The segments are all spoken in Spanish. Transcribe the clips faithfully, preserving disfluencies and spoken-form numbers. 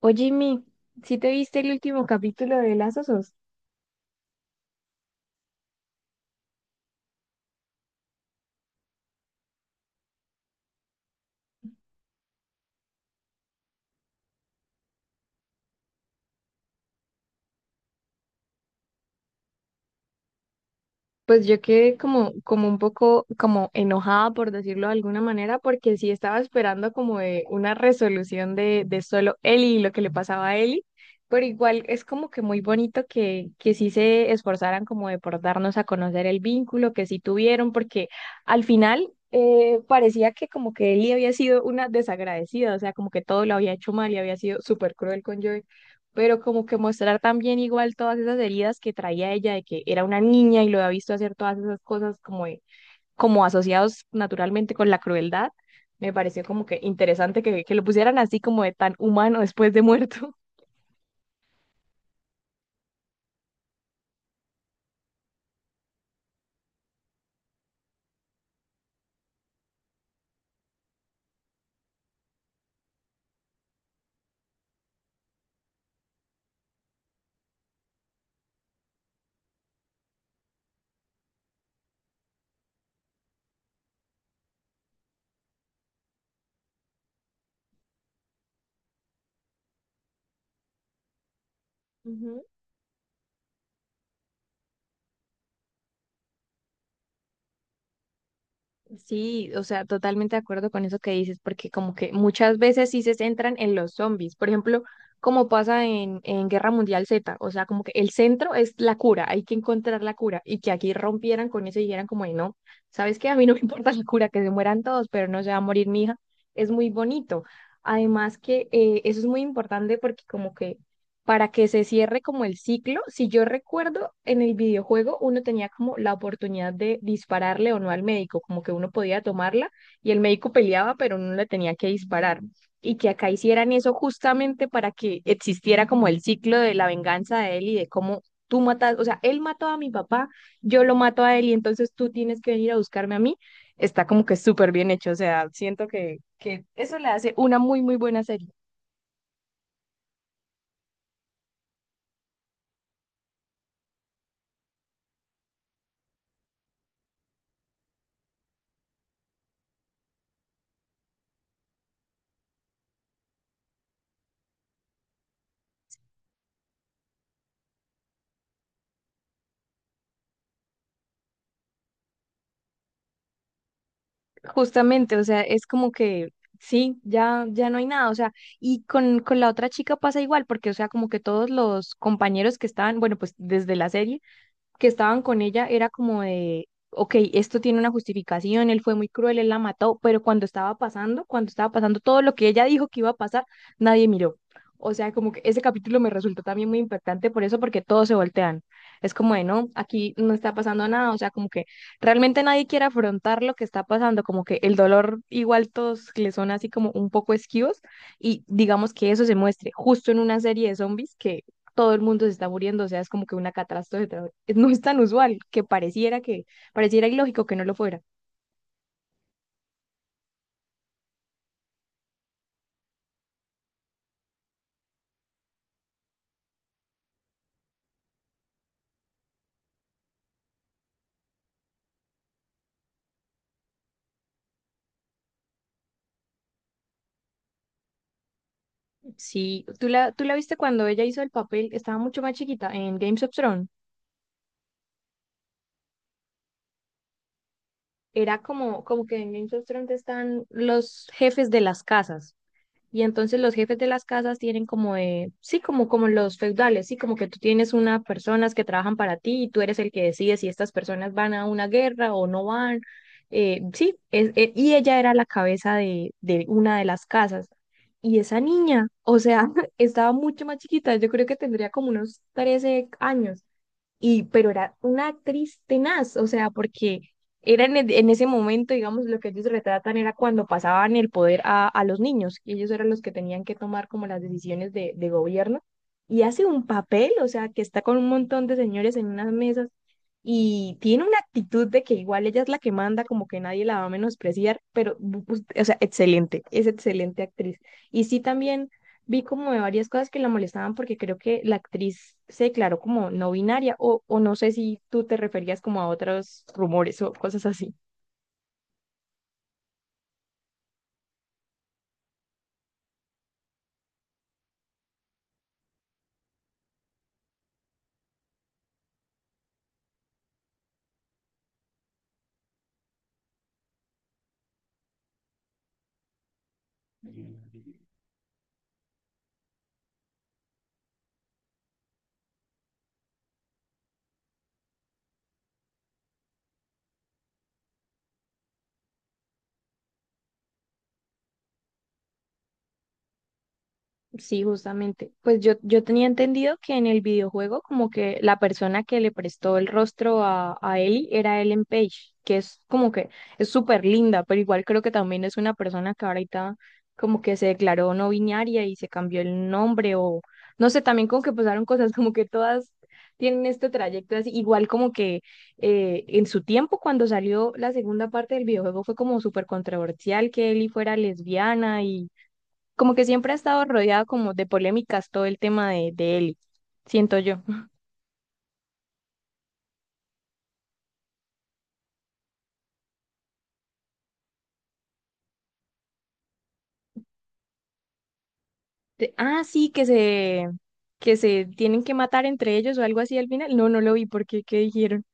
Oye, Jimmy, ¿sí te viste el último capítulo de Las Osos? Pues yo quedé como, como un poco como enojada, por decirlo de alguna manera, porque sí estaba esperando como de una resolución de, de solo Ellie y lo que le pasaba a Ellie, pero igual es como que muy bonito que, que sí se esforzaran como de por darnos a conocer el vínculo que sí tuvieron, porque al final eh, parecía que como que Ellie había sido una desagradecida, o sea, como que todo lo había hecho mal y había sido súper cruel con Joey. Pero como que mostrar también igual todas esas heridas que traía ella de que era una niña y lo había visto hacer todas esas cosas como, de- como asociados naturalmente con la crueldad, me pareció como que interesante que, que lo pusieran así como de tan humano después de muerto. Sí, o sea, totalmente de acuerdo con eso que dices, porque como que muchas veces sí se centran en los zombies, por ejemplo, como pasa en, en Guerra Mundial Z, o sea, como que el centro es la cura, hay que encontrar la cura, y que aquí rompieran con eso y dijeran como, "Ay, no, ¿sabes qué? A mí no me importa la cura, que se mueran todos, pero no se va a morir mi hija." Es muy bonito. Además que eh, eso es muy importante porque como que para que se cierre como el ciclo. Si yo recuerdo, en el videojuego uno tenía como la oportunidad de dispararle o no al médico, como que uno podía tomarla y el médico peleaba, pero uno le tenía que disparar. Y que acá hicieran eso justamente para que existiera como el ciclo de la venganza de él y de cómo tú matas, o sea, él mató a mi papá, yo lo mato a él y entonces tú tienes que venir a buscarme a mí. Está como que súper bien hecho, o sea, siento que, que eso le hace una muy, muy buena serie. Justamente, o sea, es como que sí, ya, ya no hay nada, o sea, y con, con la otra chica pasa igual, porque, o sea, como que todos los compañeros que estaban, bueno, pues desde la serie, que estaban con ella era como de, ok, esto tiene una justificación, él fue muy cruel, él la mató, pero cuando estaba pasando, cuando estaba pasando todo lo que ella dijo que iba a pasar, nadie miró. O sea, como que ese capítulo me resultó también muy impactante por eso, porque todos se voltean. Es como de, no, aquí no está pasando nada, o sea, como que realmente nadie quiere afrontar lo que está pasando, como que el dolor igual todos le son así como un poco esquivos y digamos que eso se muestre justo en una serie de zombies que todo el mundo se está muriendo, o sea, es como que una catástrofe, tra- no es tan usual, que pareciera que, pareciera ilógico que no lo fuera. Sí, tú la, tú la viste cuando ella hizo el papel, estaba mucho más chiquita en Games of Thrones. Era como, como que en Games of Thrones están los jefes de las casas. Y entonces los jefes de las casas tienen como, eh, sí, como, como los feudales, sí, como que tú tienes unas personas que trabajan para ti y tú eres el que decide si estas personas van a una guerra o no van. Eh, sí, es- eh, y ella era la cabeza de, de una de las casas. Y esa niña, o sea, estaba mucho más chiquita, yo creo que tendría como unos trece años y pero era una actriz tenaz, o sea, porque era en, e- en ese momento, digamos, lo que ellos retratan era cuando pasaban el poder a, a los niños, y ellos eran los que tenían que tomar como las decisiones de, de gobierno, y hace un papel, o sea, que está con un montón de señores en unas mesas, y tiene una actitud de que igual ella es la que manda, como que nadie la va a menospreciar, pero, bu- bu- o sea, excelente, es excelente actriz. Y sí también vi como de varias cosas que la molestaban porque creo que la actriz se declaró como no binaria o, o no sé si tú te referías como a otros rumores o cosas así. Sí, justamente. Pues yo, yo tenía entendido que en el videojuego como que la persona que le prestó el rostro a, a Ellie era Ellen Page, que es como que es súper linda, pero igual creo que también es una persona que ahorita como que se declaró no binaria y se cambió el nombre o no sé, también como que pasaron cosas como que todas tienen este trayecto así, igual como que eh, en su tiempo cuando salió la segunda parte del videojuego fue como súper controversial que Ellie fuera lesbiana como que siempre ha estado rodeado como de polémicas todo el tema de, de él, siento yo. De- ah, sí, que se, que se tienen que matar entre ellos o algo así al final. No, no lo vi porque, ¿qué dijeron?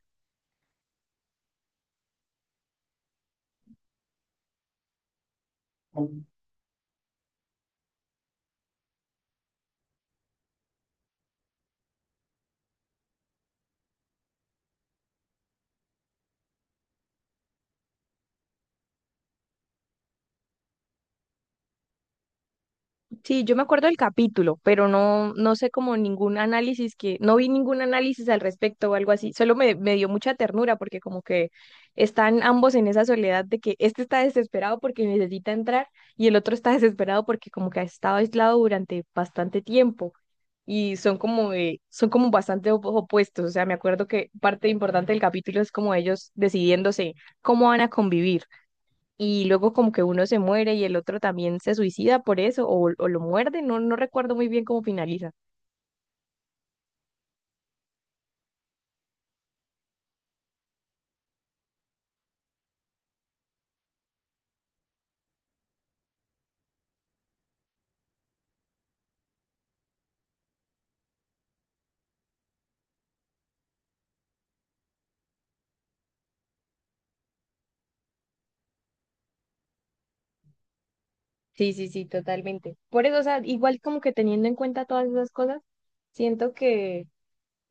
Sí, yo me acuerdo del capítulo, pero no, no sé como ningún análisis que, no vi ningún análisis al respecto o algo así. Solo me, me dio mucha ternura porque como que están ambos en esa soledad de que este está desesperado porque necesita entrar y el otro está desesperado porque como que ha estado aislado durante bastante tiempo y son como de- son como bastante op- opuestos. O sea, me acuerdo que parte importante del capítulo es como ellos decidiéndose cómo van a convivir y luego como que uno se muere y el otro también se suicida por eso o, o lo muerde, no, no recuerdo muy bien cómo finaliza. Sí, sí, sí, totalmente. Por eso, o sea, igual como que teniendo en cuenta todas esas cosas, siento que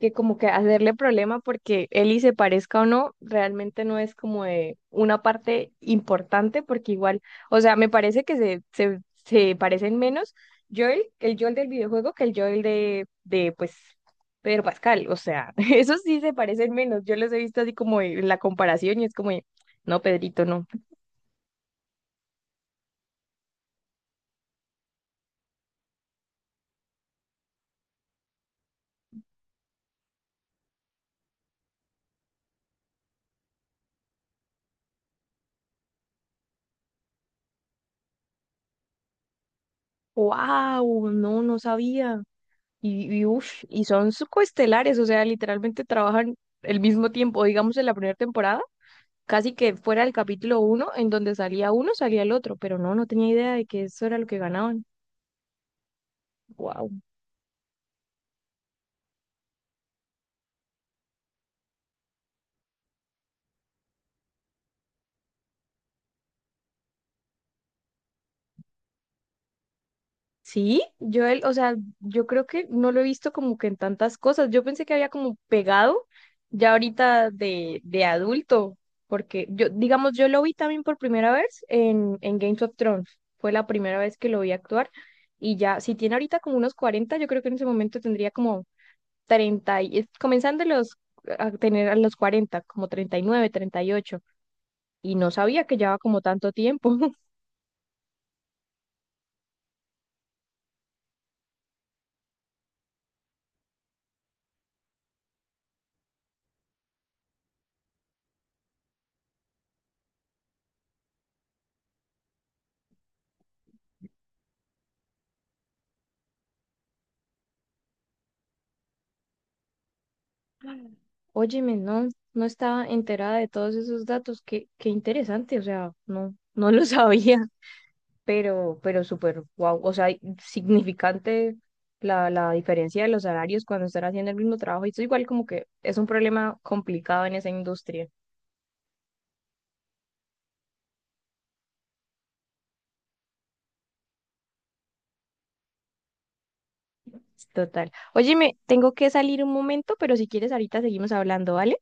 que como que hacerle problema porque Eli se parezca o no, realmente no es como de una parte importante porque igual, o sea, me parece que se, se, se parecen menos Joel, el Joel del videojuego que el Joel de, de pues, Pedro Pascal, o sea, esos sí se parecen menos, yo los he visto así como en la comparación y es como, de, no, Pedrito, no, wow, no, no sabía. Y, y, uf, y son coestelares, o sea, literalmente trabajan el mismo tiempo, digamos en la primera temporada casi que fuera el capítulo uno, en donde salía uno, salía el otro, pero no, no tenía idea de que eso era lo que ganaban. Wow. Sí, yo el, o sea, yo creo que no lo he visto como que en tantas cosas. Yo pensé que había como pegado ya ahorita de, de adulto, porque yo, digamos, yo lo vi también por primera vez en, en Games of Thrones. Fue la primera vez que lo vi actuar. Y ya, si tiene ahorita como unos cuarenta yo creo que en ese momento tendría como treinta y, es- comenzando los, a tener a los cuarenta como treinta treinta y nueve treinta y ocho y no sabía que llevaba como tanto tiempo. Óyeme, no, no estaba enterada de todos esos datos, qué, qué interesante, o sea, no, no lo sabía, pero, pero súper wow, o sea, significante la, la diferencia de los salarios cuando están haciendo el mismo trabajo, y eso igual como que es un problema complicado en esa industria, total. Óyeme, tengo que salir un momento, pero si quieres ahorita seguimos hablando, ¿vale?